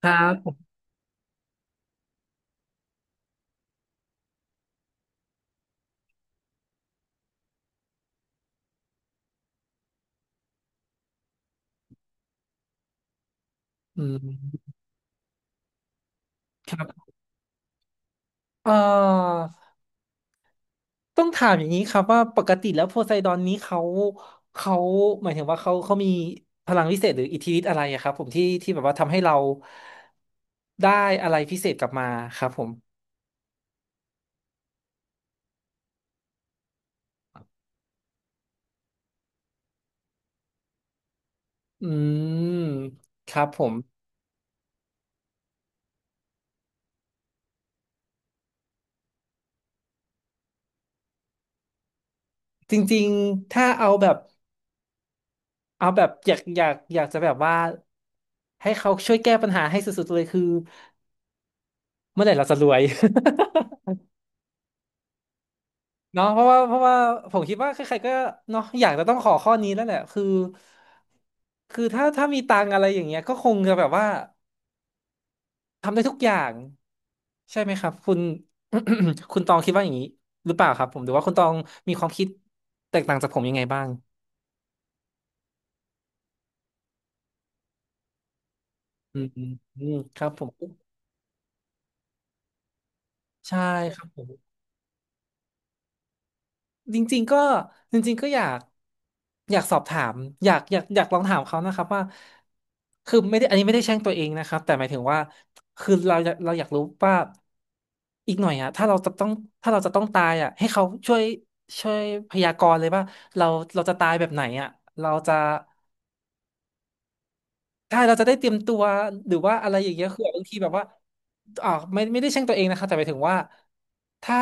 ครับผมอืมครับเอ่อต้องถามอย่างนี้ครับว่าปกติแล้วโพไซดอนนี้เขา หมายถึงว่าเขามีพลังวิเศษหรืออิทธิฤทธิ์อะไรอะครับผมที่แบบว่าทำให้เราได้อะไรพิเศษกลับมาครับผมอืมครับผม จริงๆ ถ้าเอาแบบเอาแบบอยากจะแบบว่าให้เขาช่วยแก้ปัญหาให้สุดๆเลยคือเมื่อไหร่เราจะรวย เนาะเพราะว่าผมคิดว่าใครๆก็เนาะอยากจะต้องขอข้อนี้แล้วแหละคือคือถ้ามีตังค์อะไรอย่างเงี้ยก็คงจะแบบว่าทำได้ทุกอย่างใช่ไหมครับคุณ คุณตองคิดว่าอย่างนี้หรือเปล่าครับผมหรือว่าคุณตองมีความคิดแตกต่างจากผมยังไงบ้างอืมอืมอืมครับผมใช่ครับผม จริงๆก็จริงๆก็อยากอยากสอบถามอยากลองถามเขานะครับว่าคือไม่ได้อันนี้ไม่ได้แช่งตัวเองนะครับแต่หมายถึงว่าคือเราอยากรู้ว่าอีกหน่อยอะถ้าเราจะต้องถ้าเราจะต้องตายอะให้เขาช่วยช่วยพยากรณ์เลยว่าเราเราจะตายแบบไหนอะเราจะ ใช่เราจะได้เตรียมตัวหรือว่าอะไรอย่างเงี้ยคือบางทีแบบว่าไม่ได้แช่งตัวเองนะคะแต่หมายถึงว่าถ้า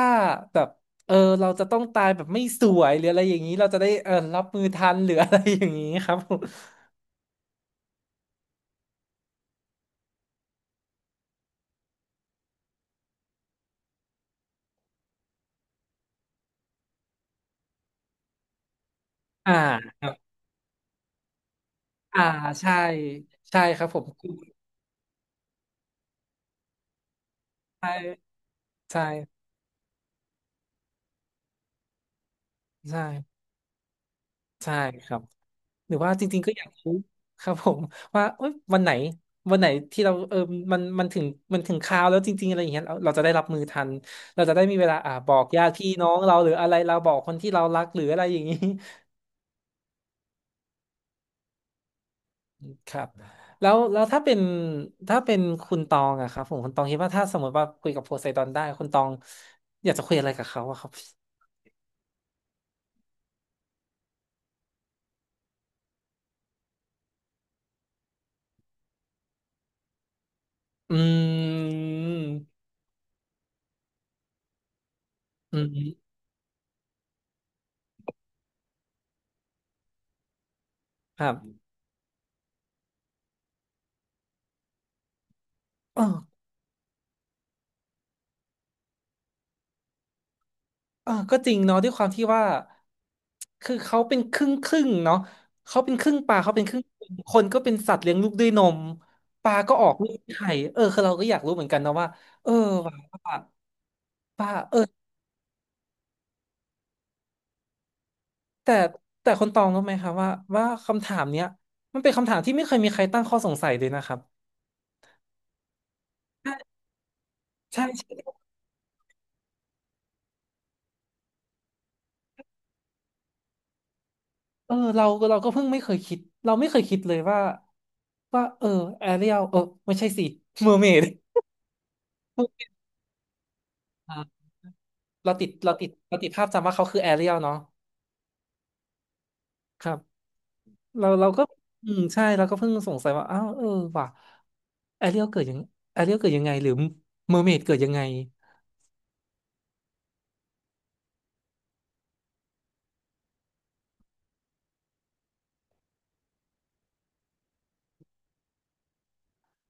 แบบเออเราจะต้องตายแบบไม่สวยหรืออะไรอย่างนี้เราจะได้รับมือทันหรืออะไรอย่างนี้ครับผมอ่าครับอ่าใช่ใช่ครับผมใช่ใช่ใช่ใช่ครับ หรือว่าจริงๆก็อยากรู้ครับผมว่าเอ้ยวันไหนวันไหนที่เรามันมันถึงคราวแล้วจริงๆอะไรอย่างเงี้ยเราจะได้รับมือทันเราจะได้มีเวลาบอกญาติพี่น้องเราหรืออะไรเราบอกคนที่เรารักหรืออะไรอย่างนี้ ครับแล้วแล้วถ้าเป็นถ้าเป็นคุณตองอะครับผมคุณตองคิดว่าถ้าสมมติว่าคุยกับโพไซดอนได้คุณตองอยากจะคุยอะไรกับเขาอะครับอืมอืมครับ เออก็จริงเนาะด้วยความที่ว่าคือเขาเป็นครึ่งครึ่งเนาะเขาเป็นครึ่งปลาเขาเป็นครึ่งคนคนก็เป็นสัตว์เลี้ยงลูกด้วยนมปลาก็ออกลูกไข่เออคือเราก็อยากรู้เหมือนกันนะว่าเออว่าว่าปลาแต่แต่คนตองรู้ไหมครับว่าว่าคำถามเนี้ยมันเป็นคำถามที่ไม่เคยมีใครตั้งข้อสงสัยเลยนะครับ ใช่ใช่ใช่เออเราเราก็เพิ่งไม่เคยคิดเราไม่เคยคิดเลยว่าว่าแอเรียลไม่ใช่สิเมอร์เมด เราติดภาพจำว่าเขาคือแอเรียลเนาะครับเราเราก็อืมใช่เราก็เพิ่งสงสัยว่าอ้าวว่ะแอเรียลเกิดยังแอเรียลเกิดยังไงหรือเมอร์เมดเกิดยังไง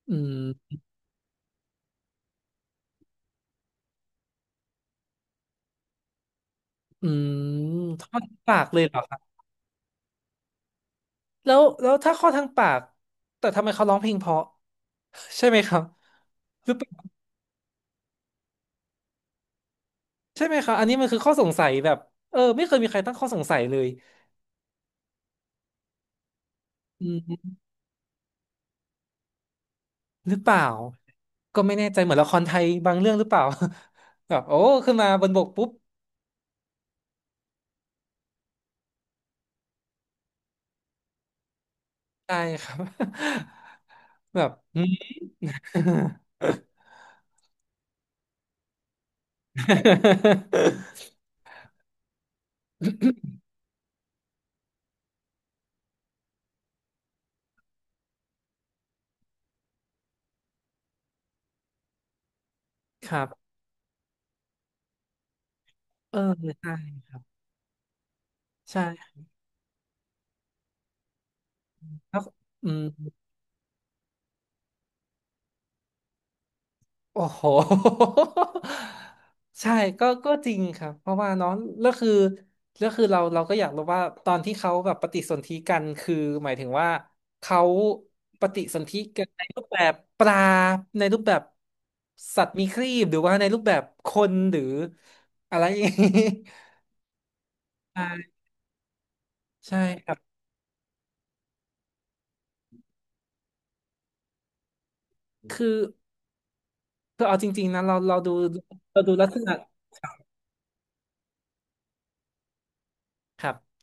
อืมอืมท่อทปากเลยเหรอครับแล้วแล้วถ้าข้อทางปากแต่ทำไมเขาร้องเพลงเพราะใช่ไหมครับหรือเปล่าใช่ไหมครับอันนี้มันคือข้อสงสัยแบบไม่เคยมีใครตั้งข้อสงสัยเลยอืมหรือเปล่าก็ไม่แน่ใจเหมือนละครไทยบางเรื่องหรือเปล่า แบบโอ้ขึ้นมาบนบกปุ๊บ ใช่ครับ แบบอืม ครับอใช่ใช่แล้วอืมโอ้โห ใช่ก็ก็จริงครับเพราะว่าน้องแล้วคือแล้วคือเราก็อยากรู้ว่าตอนที่เขาแบบปฏิสนธิกันคือหมายถึงว่าเขาปฏิสนธิกันในรูปแบบปลาในรูปแบบสัตว์มีครีบหรือว่าในรูปแบบคนหรืออะไร อย่างนี้ใช่ใช่ครับ คือคือเอาจริงๆนะเราดูเราดูลักษณะครับ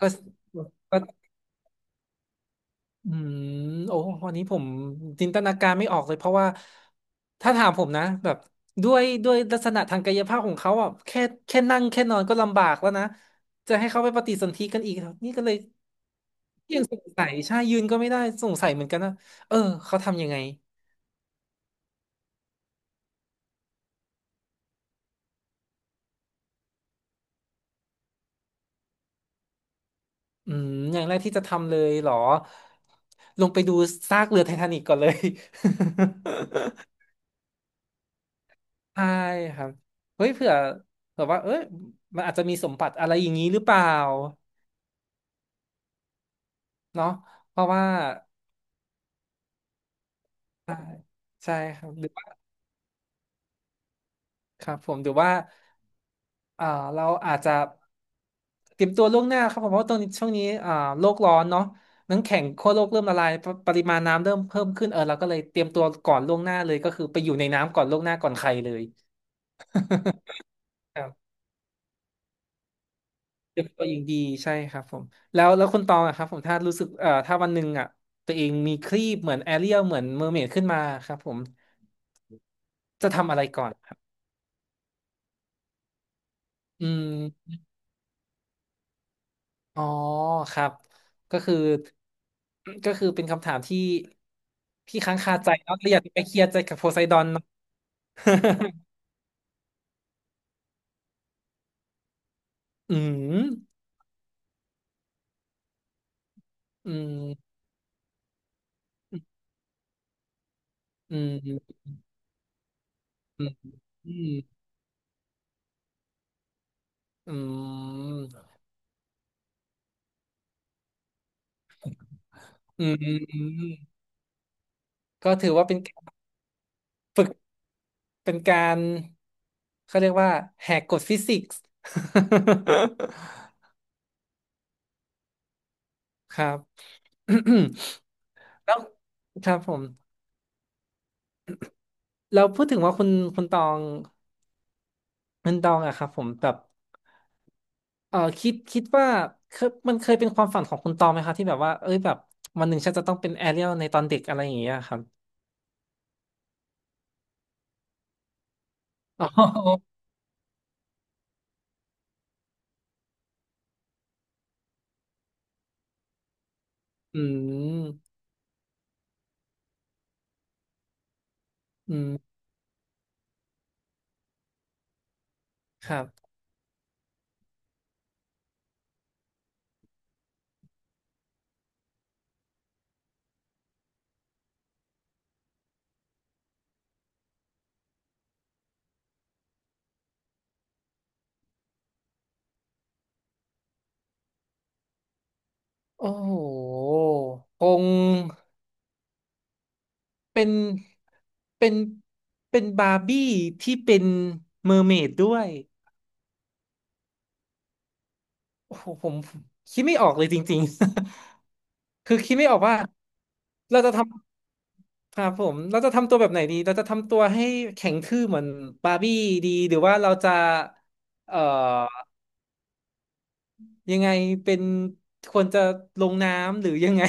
ก็ก็อืมโอ้วันนี้ผมจินตนาการไม่ออกเลยเพราะว่าถ้าถามผมนะแบบด้วยลักษณะทางกายภาพของเขาอ่ะแค่แค่นั่งแค่นอนก็ลำบากแล้วนะจะให้เขาไปปฏิสนธิกันอีกนี่ก็เลยยังสงสัยใช่ยืนก็ไม่ได้สงสัยเหมือนกันนะเออเขาทำยังไงอืมอย่างแรกที่จะทำเลยเหรอลงไปดูซากเรือไททานิกก่อนเลย ใช่ครับเฮ้ยเผื่อว่าเอ้ยมันอาจจะมีสมบัติอะไรอย่างนี้หรือเปล่าเนาะเพราะว่าใช่ใช่ครับหรือว่าครับผมหรือว่าอ่าเราอาจจะเตรียมตัวล่วงหน้าครับผมเพราะว่าตอนนี้ช่วงนี้โลกร้อนเนาะน้ำแข็งขั้วโลกเริ่มละลายปปริมาณน้ำเริ่มเพิ่มขึ้นเออเราก็เลยเตรียมตัวก่อนล่วงหน้าเลยก็คือไปอยู่ในน้ำก่อนล่วงหน้าก่อนใครเลย เด็กตัวเองดีใช่ครับผมแล้วคุณตองอะครับผมถ้ารู้สึกถ้าวันหนึ่งอ่ะตัวเองมีครีปเหมือนแอเรียลเหมือนเมอร์เมดขึ้นมาครับผมจะทำอะไรก่อนอืมอ๋อครับก็คือก็คือเป็นคำถามที่ค้างคาใจเนาะเราอยากไปเคลียร์ใจกับโพไซดอนเนาะ อืมอืมอืมอืมอืมอืมอืมก็ถือว่าเป็นการฝึก เป็นการเขาเรียกว่าแหกกฎฟิสิกส์ ครับ แล้วครับผมเราพูดถึงว่าคุณตองคุณตองอะครับผมแบบเออคิดว่าเคยมันเคยเป็นความฝันของคุณตองไหมครับที่แบบว่าเอ้ยแบบวันหนึ่งฉันจะต้องเป็นแอเรียลในตอนเด็กอะไรอย่างเงี้ยครับ อ๋ออืมอืมครับโอ้โหคง เป็นเป็นเป็นบาร์บี้ที่เป็นเมอร์เมดด้วยโอ้โหผมคิดไม่ออกเลยจริงๆ คือคิดไม่ออกว่าเราจะทำครับผมเราจะทำตัวแบบไหนดีเราจะทำตัวให้แข็งทื่อเหมือนบาร์บี้ดีหรือว่าเราจะเอ่อยังไงเป็นควรจะลงน้ำหรือยังไง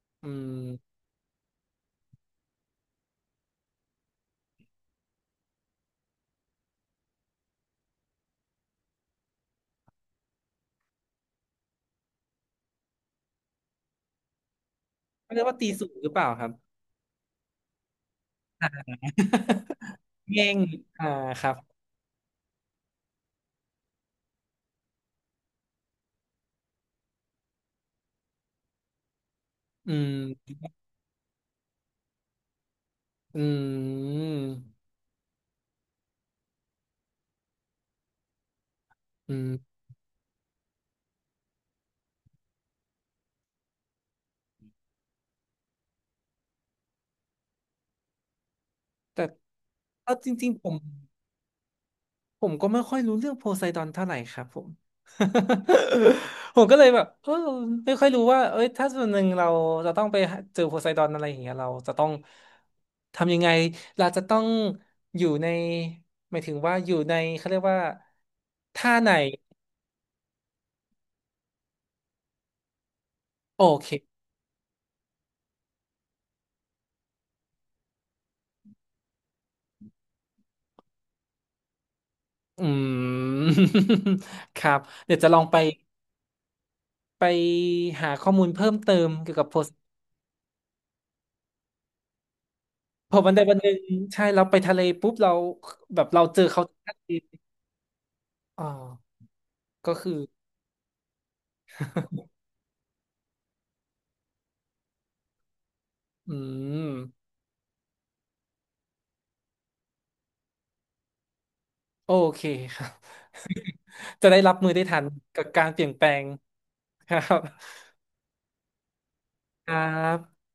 อืมไม่รู้ว่าตีสูงหรือเปล่าครับ แง่งอ่าครับอืมอืมอืม แต่เอาจริงๆผมก็ไม่ค่อยรู้เรื่องโพไซดอนเท่าไหร่ครับผม ผมก็เลยแบบเออไม่ค่อยรู้ว่าเอ้ยถ้าส่วนหนึ่งเราจะต้องไปหาเจอโพไซดอนอะไรอย่างเงี้ยเราจะต้องทำยังไงเราจะต้องอยู่ในหมายถึงว่าอยู่ในเขาเรียกว่าท่าไหนโอเคอืม ครับเดี๋ยวจะลองไปหาข้อมูลเพิ่มเติมเกี่ยวกับโพ พอวันใดวันหนึ่งใช่เราไปทะเลปุ๊บเราแบบเราเจอเขาทันทีอ๋อก็คืออืมโอเคครับ จะได้รับมือได้ทันกับการเปลี่ยนแปลงครับครับ